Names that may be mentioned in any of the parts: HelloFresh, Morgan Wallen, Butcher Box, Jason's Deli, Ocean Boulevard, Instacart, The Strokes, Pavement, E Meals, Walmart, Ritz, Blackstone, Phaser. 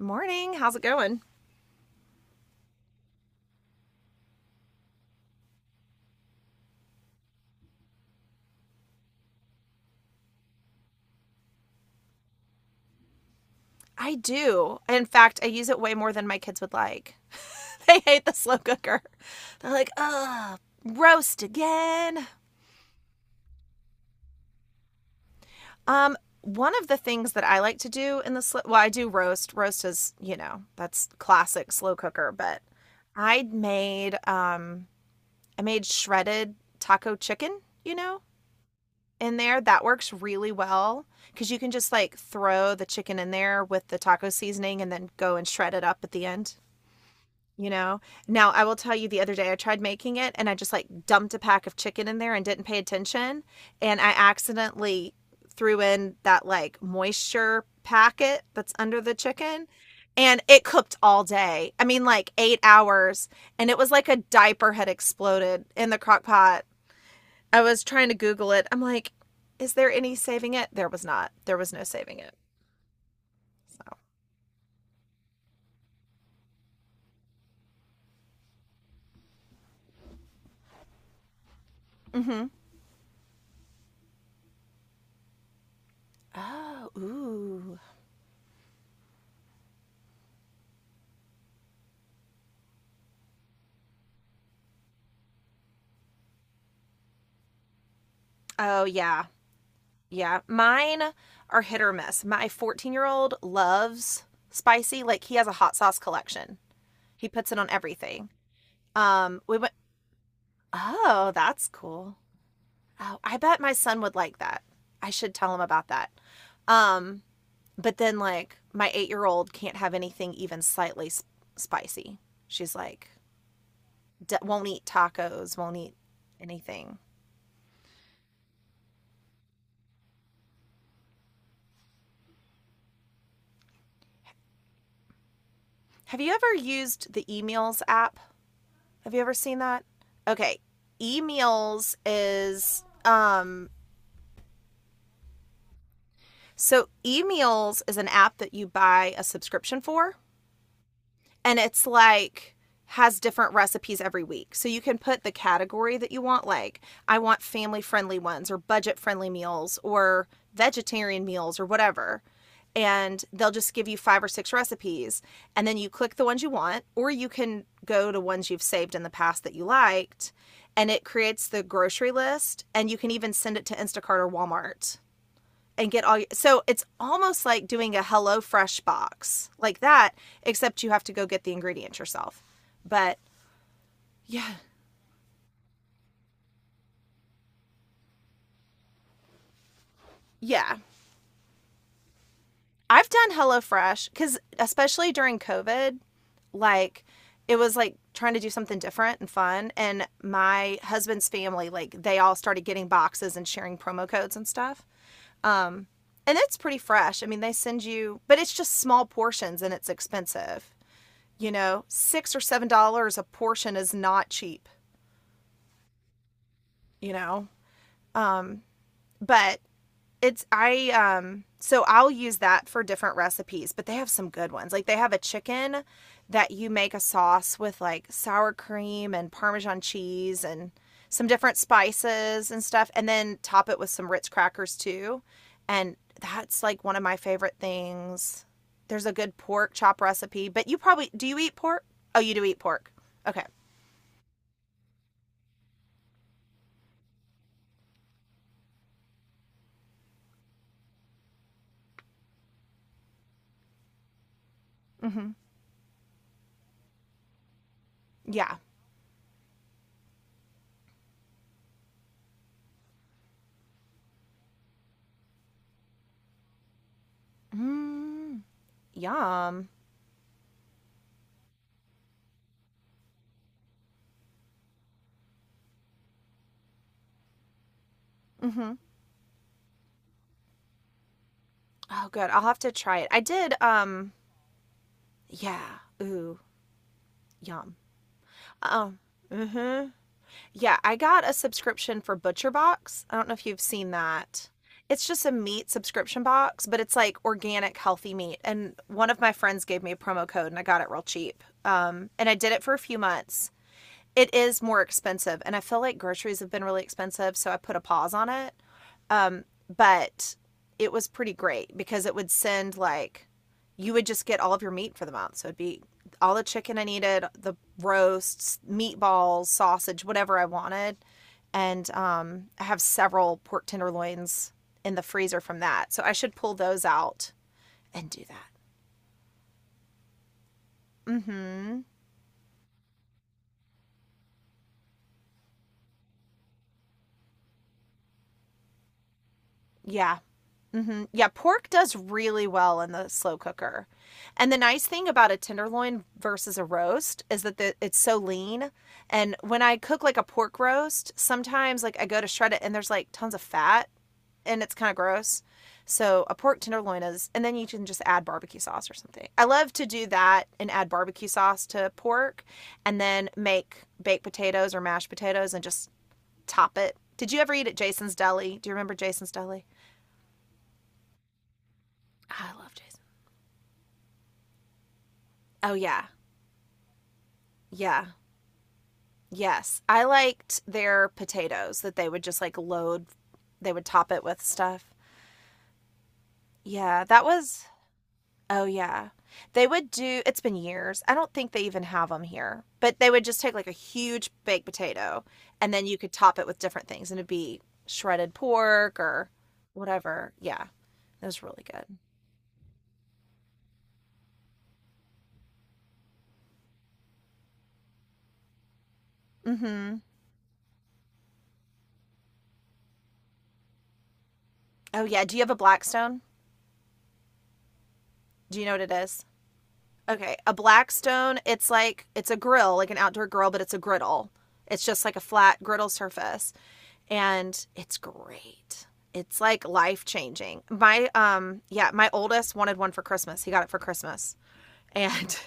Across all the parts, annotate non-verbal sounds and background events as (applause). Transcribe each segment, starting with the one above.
Morning. How's it going? I do. In fact, I use it way more than my kids would like. (laughs) They hate the slow cooker. They're like, ugh, roast again. Um, One of the things that I like to do in the slow, well, I do roast. Roast is, you know, that's classic slow cooker. But I made, um, I made shredded taco chicken. You know, in there that works really well because you can just like throw the chicken in there with the taco seasoning and then go and shred it up at the end. you know Now I will tell you, the other day I tried making it and I just like dumped a pack of chicken in there and didn't pay attention, and I accidentally threw in that like moisture packet that's under the chicken, and it cooked all day, I mean like 8 hours, and it was like a diaper had exploded in the crock pot. I was trying to google it, I'm like, is there any saving it? There was not. There was no saving it. Mm-hmm. Oh, ooh. Oh, yeah. Yeah, mine are hit or miss. My 14-year-old loves spicy. Like he has a hot sauce collection. He puts it on everything. We went. Oh, that's cool. Oh, I bet my son would like that. I should tell him about that. Um, but then like my 8 year old can't have anything even slightly spicy. She's like, won't eat tacos, won't eat anything. Have you ever used the emails app? Have you ever seen that? Okay. E Meals is so E Meals is an app that you buy a subscription for, and it's like has different recipes every week. So you can put the category that you want, like I want family friendly ones or budget friendly meals or vegetarian meals or whatever. And they'll just give you five or six recipes, and then you click the ones you want, or you can go to ones you've saved in the past that you liked, and it creates the grocery list, and you can even send it to Instacart or Walmart and get all your, so it's almost like doing a HelloFresh box like that, except you have to go get the ingredients yourself, but yeah, yeah, I've done HelloFresh because especially during COVID, like it was like trying to do something different and fun, and my husband's family, like they all started getting boxes and sharing promo codes and stuff. And it's pretty fresh, I mean they send you, but it's just small portions and it's expensive. You know, $6 or $7 a portion is not cheap, you know but it's I so I'll use that for different recipes. But they have some good ones, like they have a chicken that you make a sauce with, like sour cream and parmesan cheese and some different spices and stuff, and then top it with some ritz crackers too, and that's like one of my favorite things. There's a good pork chop recipe, but you probably, do you eat pork? Oh, you do eat pork. Okay. Mm-hmm. Yeah. Mm, yum. Mm-hmm. Oh, good. I'll have to try it. I did. Yeah. Ooh, yum. Oh, mm-hmm. Yeah, I got a subscription for Butcher Box. I don't know if you've seen that. It's just a meat subscription box, but it's like organic, healthy meat. And one of my friends gave me a promo code, and I got it real cheap. And I did it for a few months. It is more expensive, and I feel like groceries have been really expensive, so I put a pause on it. But it was pretty great because it would send like, you would just get all of your meat for the month. So it'd be all the chicken I needed, the roasts, meatballs, sausage, whatever I wanted. And I have several pork tenderloins in the freezer from that. So I should pull those out and do that. Mm hmm. Yeah. Hmm. Yeah, pork does really well in the slow cooker. And the nice thing about a tenderloin versus a roast is that the, it's so lean. And when I cook like a pork roast, sometimes like I go to shred it and there's like tons of fat, and it's kind of gross. So a pork tenderloin is, and then you can just add barbecue sauce or something. I love to do that and add barbecue sauce to pork and then make baked potatoes or mashed potatoes and just top it. Did you ever eat at Jason's Deli? Do you remember Jason's Deli? I love Jason. Oh yeah. Yeah. Yes. I liked their potatoes that they would just like load, they would top it with stuff. Yeah, that was, oh yeah. They would do, it's been years. I don't think they even have them here. But they would just take like a huge baked potato, and then you could top it with different things and it'd be shredded pork or whatever. Yeah. It was really good. Mhm. Oh yeah, do you have a Blackstone? Do you know what it is? Okay, a Blackstone. It's like it's a grill, like an outdoor grill, but it's a griddle. It's just like a flat griddle surface, and it's great. It's like life changing. My yeah, my oldest wanted one for Christmas. He got it for Christmas, (laughs) and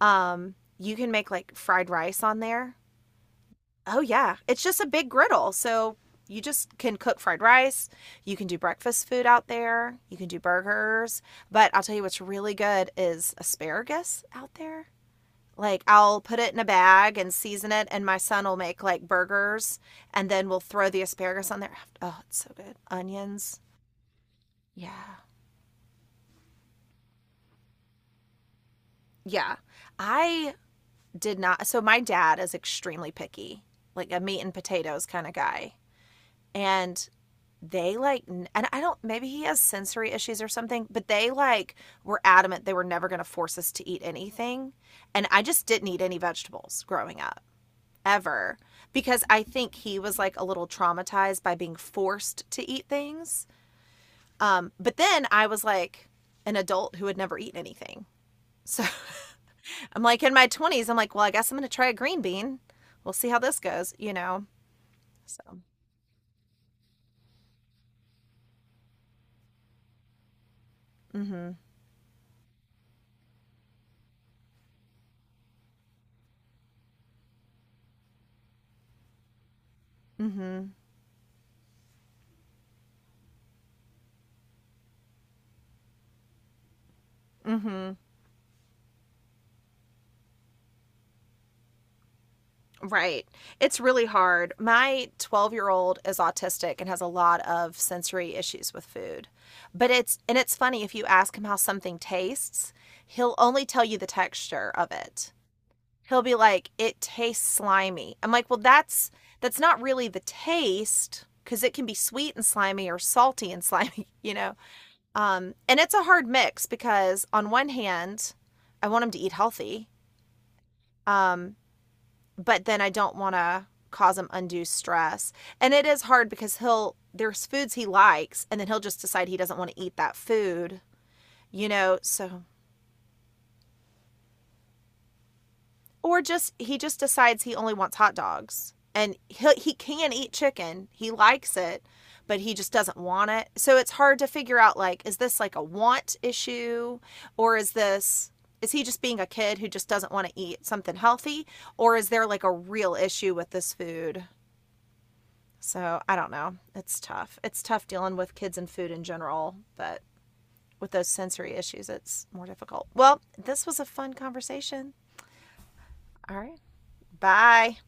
you can make like fried rice on there. Oh yeah, it's just a big griddle, so you just can cook fried rice. You can do breakfast food out there. You can do burgers. But I'll tell you what's really good is asparagus out there. Like I'll put it in a bag and season it, and my son will make like burgers, and then we'll throw the asparagus on there. Oh, it's so good. Onions. Yeah. Yeah. I did not. So my dad is extremely picky, like a meat and potatoes kind of guy. And they like, and I don't, maybe he has sensory issues or something, but they like were adamant they were never going to force us to eat anything. And I just didn't eat any vegetables growing up. Ever, because I think he was like a little traumatized by being forced to eat things. But then I was like an adult who had never eaten anything. So (laughs) I'm like in my 20s, I'm like, well, I guess I'm going to try a green bean. We'll see how this goes, you know? So, mm hmm, mm hmm, mm hmm. Right. It's really hard. My 12-year-old is autistic and has a lot of sensory issues with food. But it's, and it's funny, if you ask him how something tastes, he'll only tell you the texture of it. He'll be like, it tastes slimy. I'm like, well, that's not really the taste, because it can be sweet and slimy or salty and (laughs) slimy, you know? And it's a hard mix, because on one hand, I want him to eat healthy. Um, but then I don't want to cause him undue stress. And it is hard, because he'll, there's foods he likes and then he'll just decide he doesn't want to eat that food, you know, so or just he just decides he only wants hot dogs. And he can eat chicken. He likes it, but he just doesn't want it. So it's hard to figure out like is this like a want issue, or is this, is he just being a kid who just doesn't want to eat something healthy, or is there like a real issue with this food? So I don't know. It's tough. It's tough dealing with kids and food in general, but with those sensory issues, it's more difficult. Well, this was a fun conversation. All right. Bye.